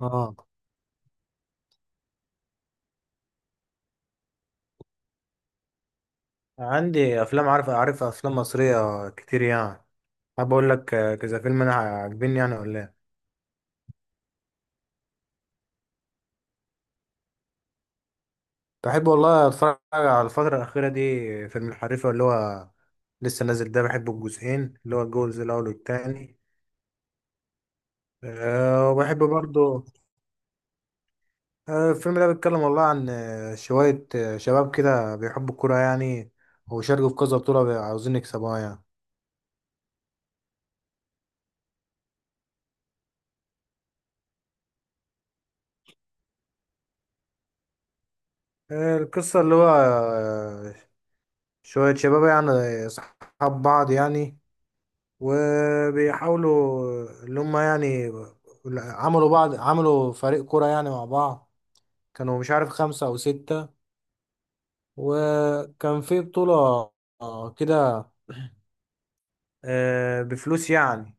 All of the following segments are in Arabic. اه. عندي افلام، عارف افلام مصريه كتير يعني. حابب اقول لك، كذا فيلم انا عاجبني يعني ولا ايه؟ بحب والله اتفرج على الفتره الاخيره دي فيلم الحريفه، اللي هو لسه نازل ده. بحبه الجزئين، اللي هو الجزء الاول والتاني. وبحب برضو. الفيلم ده بيتكلم والله عن شويه شباب كده بيحبوا الكوره يعني، وشاركوا في كذا بطوله عاوزين يكسبوها يعني. القصه اللي هو شويه شباب يعني، اصحاب بعض يعني، وبيحاولوا اللي هم يعني عملوا فريق كرة يعني مع بعض. كانوا مش عارف خمسة أو ستة، وكان في بطولة كده بفلوس يعني.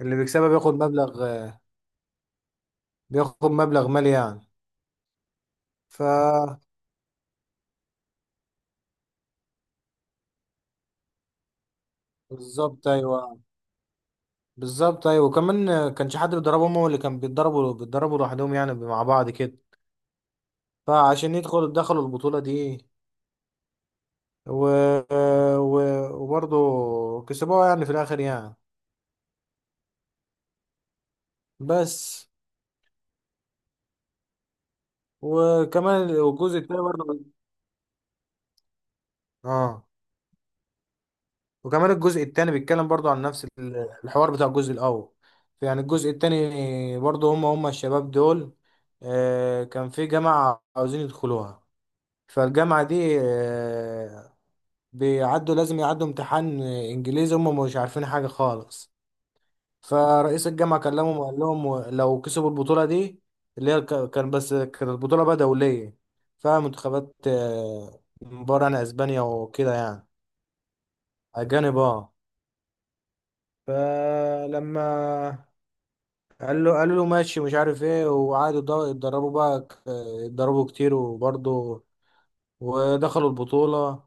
اللي بيكسبها بياخد مبلغ مالي يعني. ف بالظبط ايوه، بالظبط ايوه. وكمان كانش حد بيدربهم، هو اللي كان بيتدربوا لوحدهم يعني مع بعض كده. فعشان دخلوا البطولة دي و... و... وبرضه كسبوها يعني في الاخر يعني. بس. وكمان الجزء التاني برضه اه وكمان الجزء التاني بيتكلم برضه عن نفس الحوار بتاع الجزء الاول. يعني الجزء التاني برضه هم الشباب دول. كان في جامعة عاوزين يدخلوها. فالجامعة دي آه بيعدوا لازم يعدوا امتحان انجليزي هم مش عارفين حاجة خالص. فرئيس الجامعة كلمهم وقال لهم لو كسبوا البطولة دي، اللي هي كانت البطولة بقى دولية فيها منتخبات من بره يعني، اسبانيا وكده يعني. اجانب، اه. فلما قالوا له ماشي مش عارف ايه، وقعدوا يتدربوا بقى ك- يتدربوا كتير، وبرضه ودخلوا البطولة.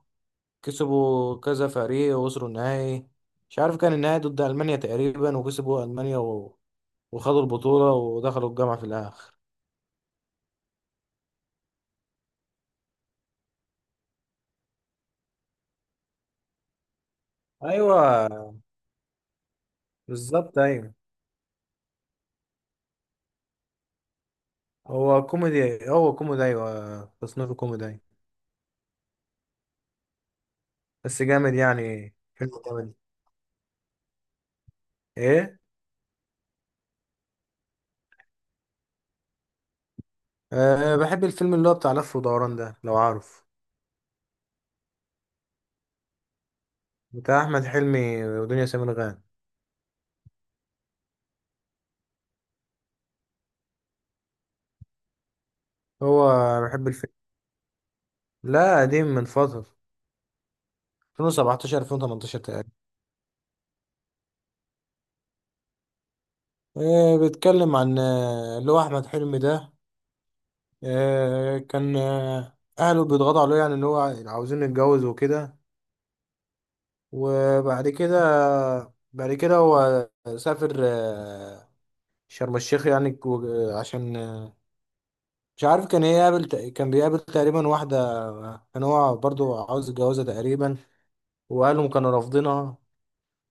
كسبوا كذا فريق ووصلوا النهائي. مش عارف كان النهائي ضد ألمانيا تقريبا، وكسبوا ألمانيا وخدوا البطولة ودخلوا الجامعة في الآخر. ايوه، بالظبط ايوه. هو كوميدي، هو كوميدي، ايوه، تصنيفه كوميدي، أيوة. بس جامد يعني، فيلم جامد. ايه. بحب الفيلم اللي هو بتاع لف ودوران ده، لو عارف. بتاع احمد حلمي ودنيا سمير غانم. هو بحب الفيلم. لا، قديم من فترة، 2017 2018 تقريبا. بيتكلم عن اللي هو احمد حلمي ده، كان اهله بيضغطوا عليه يعني اللي هو عاوزين يتجوز وكده. وبعد كده بعد كده هو سافر شرم الشيخ يعني عشان مش عارف، كان بيقابل تقريبا واحدة كان هو برضو عاوز يتجوزها تقريبا، وأهلهم كانوا رافضينها.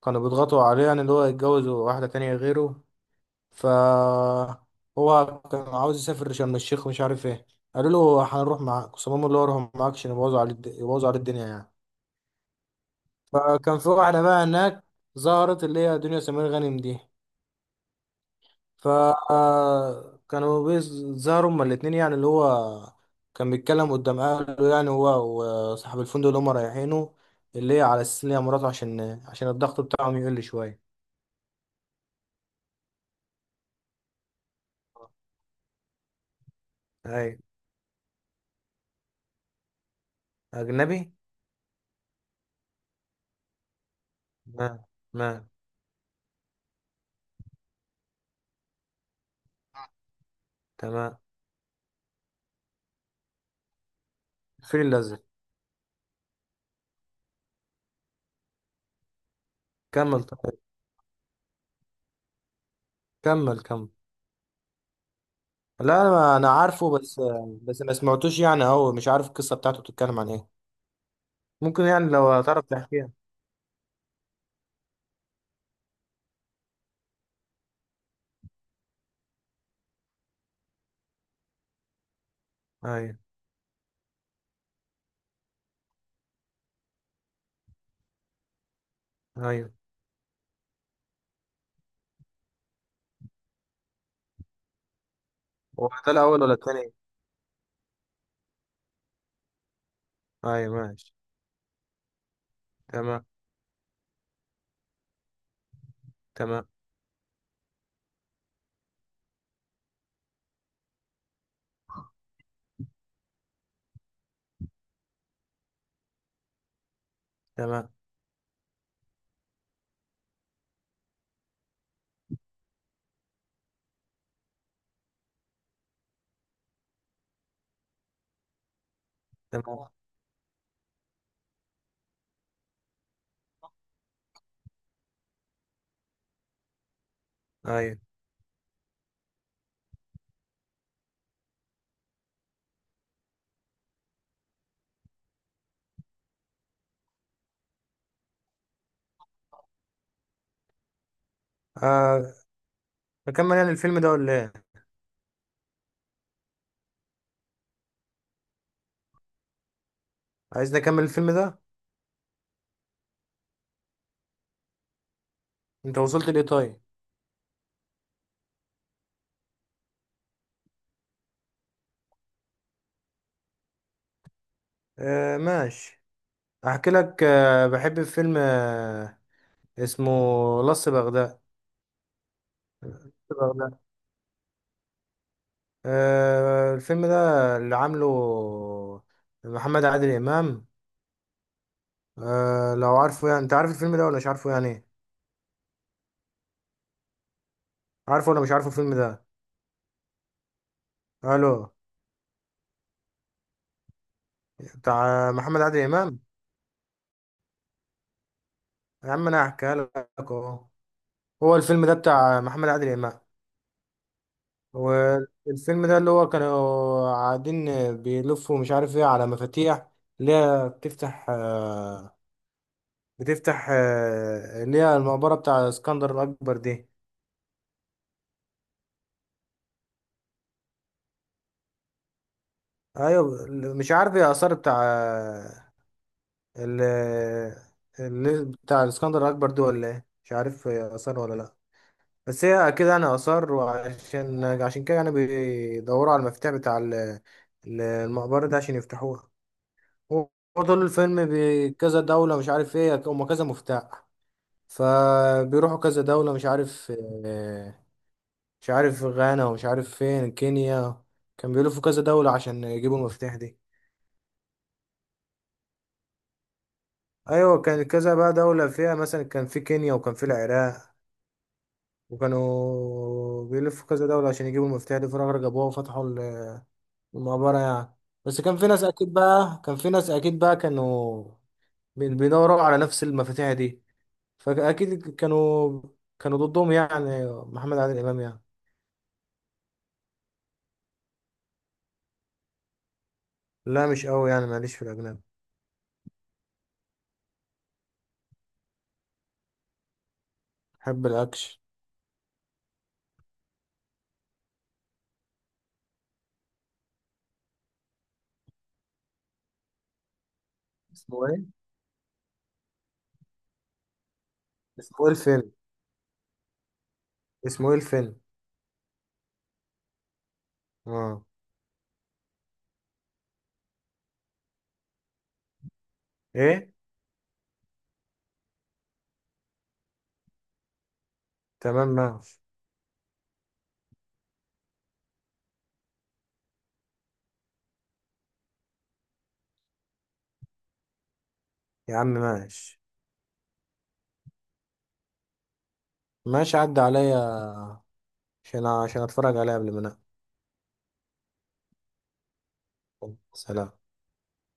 كانوا بيضغطوا عليه يعني اللي هو يتجوز واحدة تانية غيره. ف هو كان عاوز يسافر شرم الشيخ ومش عارف ايه. قالوا له هنروح معاك صمام، اللي هو هروح معاك عشان يبوظوا على الدنيا يعني. فكان في واحدة بقى هناك، ظهرت اللي هي دنيا سمير غانم دي. فكانوا بيظهروا هما الاتنين يعني، اللي هو كان بيتكلم قدام اهله يعني، هو وصاحب الفندق اللي هما رايحينه، اللي هي على اساس ان هي مراته عشان الضغط بتاعهم يقل شويه. اي. اجنبي. ما ما. تمام. الفيل الازرق. كمل طيب. كمل، كمل. لا انا، عارفه، بس بس ما سمعتوش يعني، او مش عارف القصه بتاعته بتتكلم عن ايه. ممكن يعني لو تعرف تحكيها. ايوه. ايوه، هو ده الاول ولا التاني؟ ايوه ماشي. تمام. تمام. تمام. تمام. ايوه. آه. نكمل يعني الفيلم ده ولا ايه؟ عايز نكمل الفيلم ده. انت وصلت ليه طيب؟ آه ماشي. احكي لك، بحب فيلم اسمه لص بغداد. بغداد. الفيلم ده اللي عامله محمد عادل امام. لو عارفه يعني، انت عارف الفيلم ده ولا مش عارفه يعني؟ عارفه ولا مش عارفه الفيلم ده؟ الو. بتاع محمد عادل امام. يا عم انا هحكيها لك اهو. هو الفيلم ده بتاع محمد عادل امام. هو الفيلم ده، اللي هو كانوا قاعدين بيلفوا مش عارف ايه على مفاتيح، اللي هي بتفتح، اللي هي المقبرة بتاع اسكندر الأكبر دي. أيوة، مش عارف ايه، آثار بتاع آه، ال اللي بتاع الاسكندر الأكبر دي، ولا ايه، مش عارف هي آثار ولا لأ. بس هي أكيد يعني آثار، وعشان كده يعني بيدوروا على المفتاح بتاع المقبرة ده عشان يفتحوها. هو طول الفيلم بكذا دولة، مش عارف ايه، هما كذا مفتاح. فبيروحوا كذا دولة مش عارف، آه، مش عارف غانا، ومش عارف فين كينيا. كان بيلفوا كذا دولة عشان يجيبوا المفتاح دي. ايوه، كان كذا بقى دولة، فيها مثلا كان في كينيا وكان في العراق. وكانوا بيلفوا كذا دولة عشان يجيبوا المفتاح دي، في الآخر جابوها وفتحوا المقبرة يعني. بس كان في ناس اكيد بقى، كانوا بيدوروا على نفس المفاتيح دي. فاكيد كانوا، كانوا ضدهم يعني، محمد عادل امام يعني. لا، مش قوي يعني، معلش، في الاجنبي. بحب الاكشن. اسمه ايه؟ اسمه ايه الفيلم اسمه ايه الفيلم؟ اه. ايه. تمام ماشي. يا عم ماشي. ماشي، عدى عليا عشان اتفرج عليه قبل ما انام. سلام.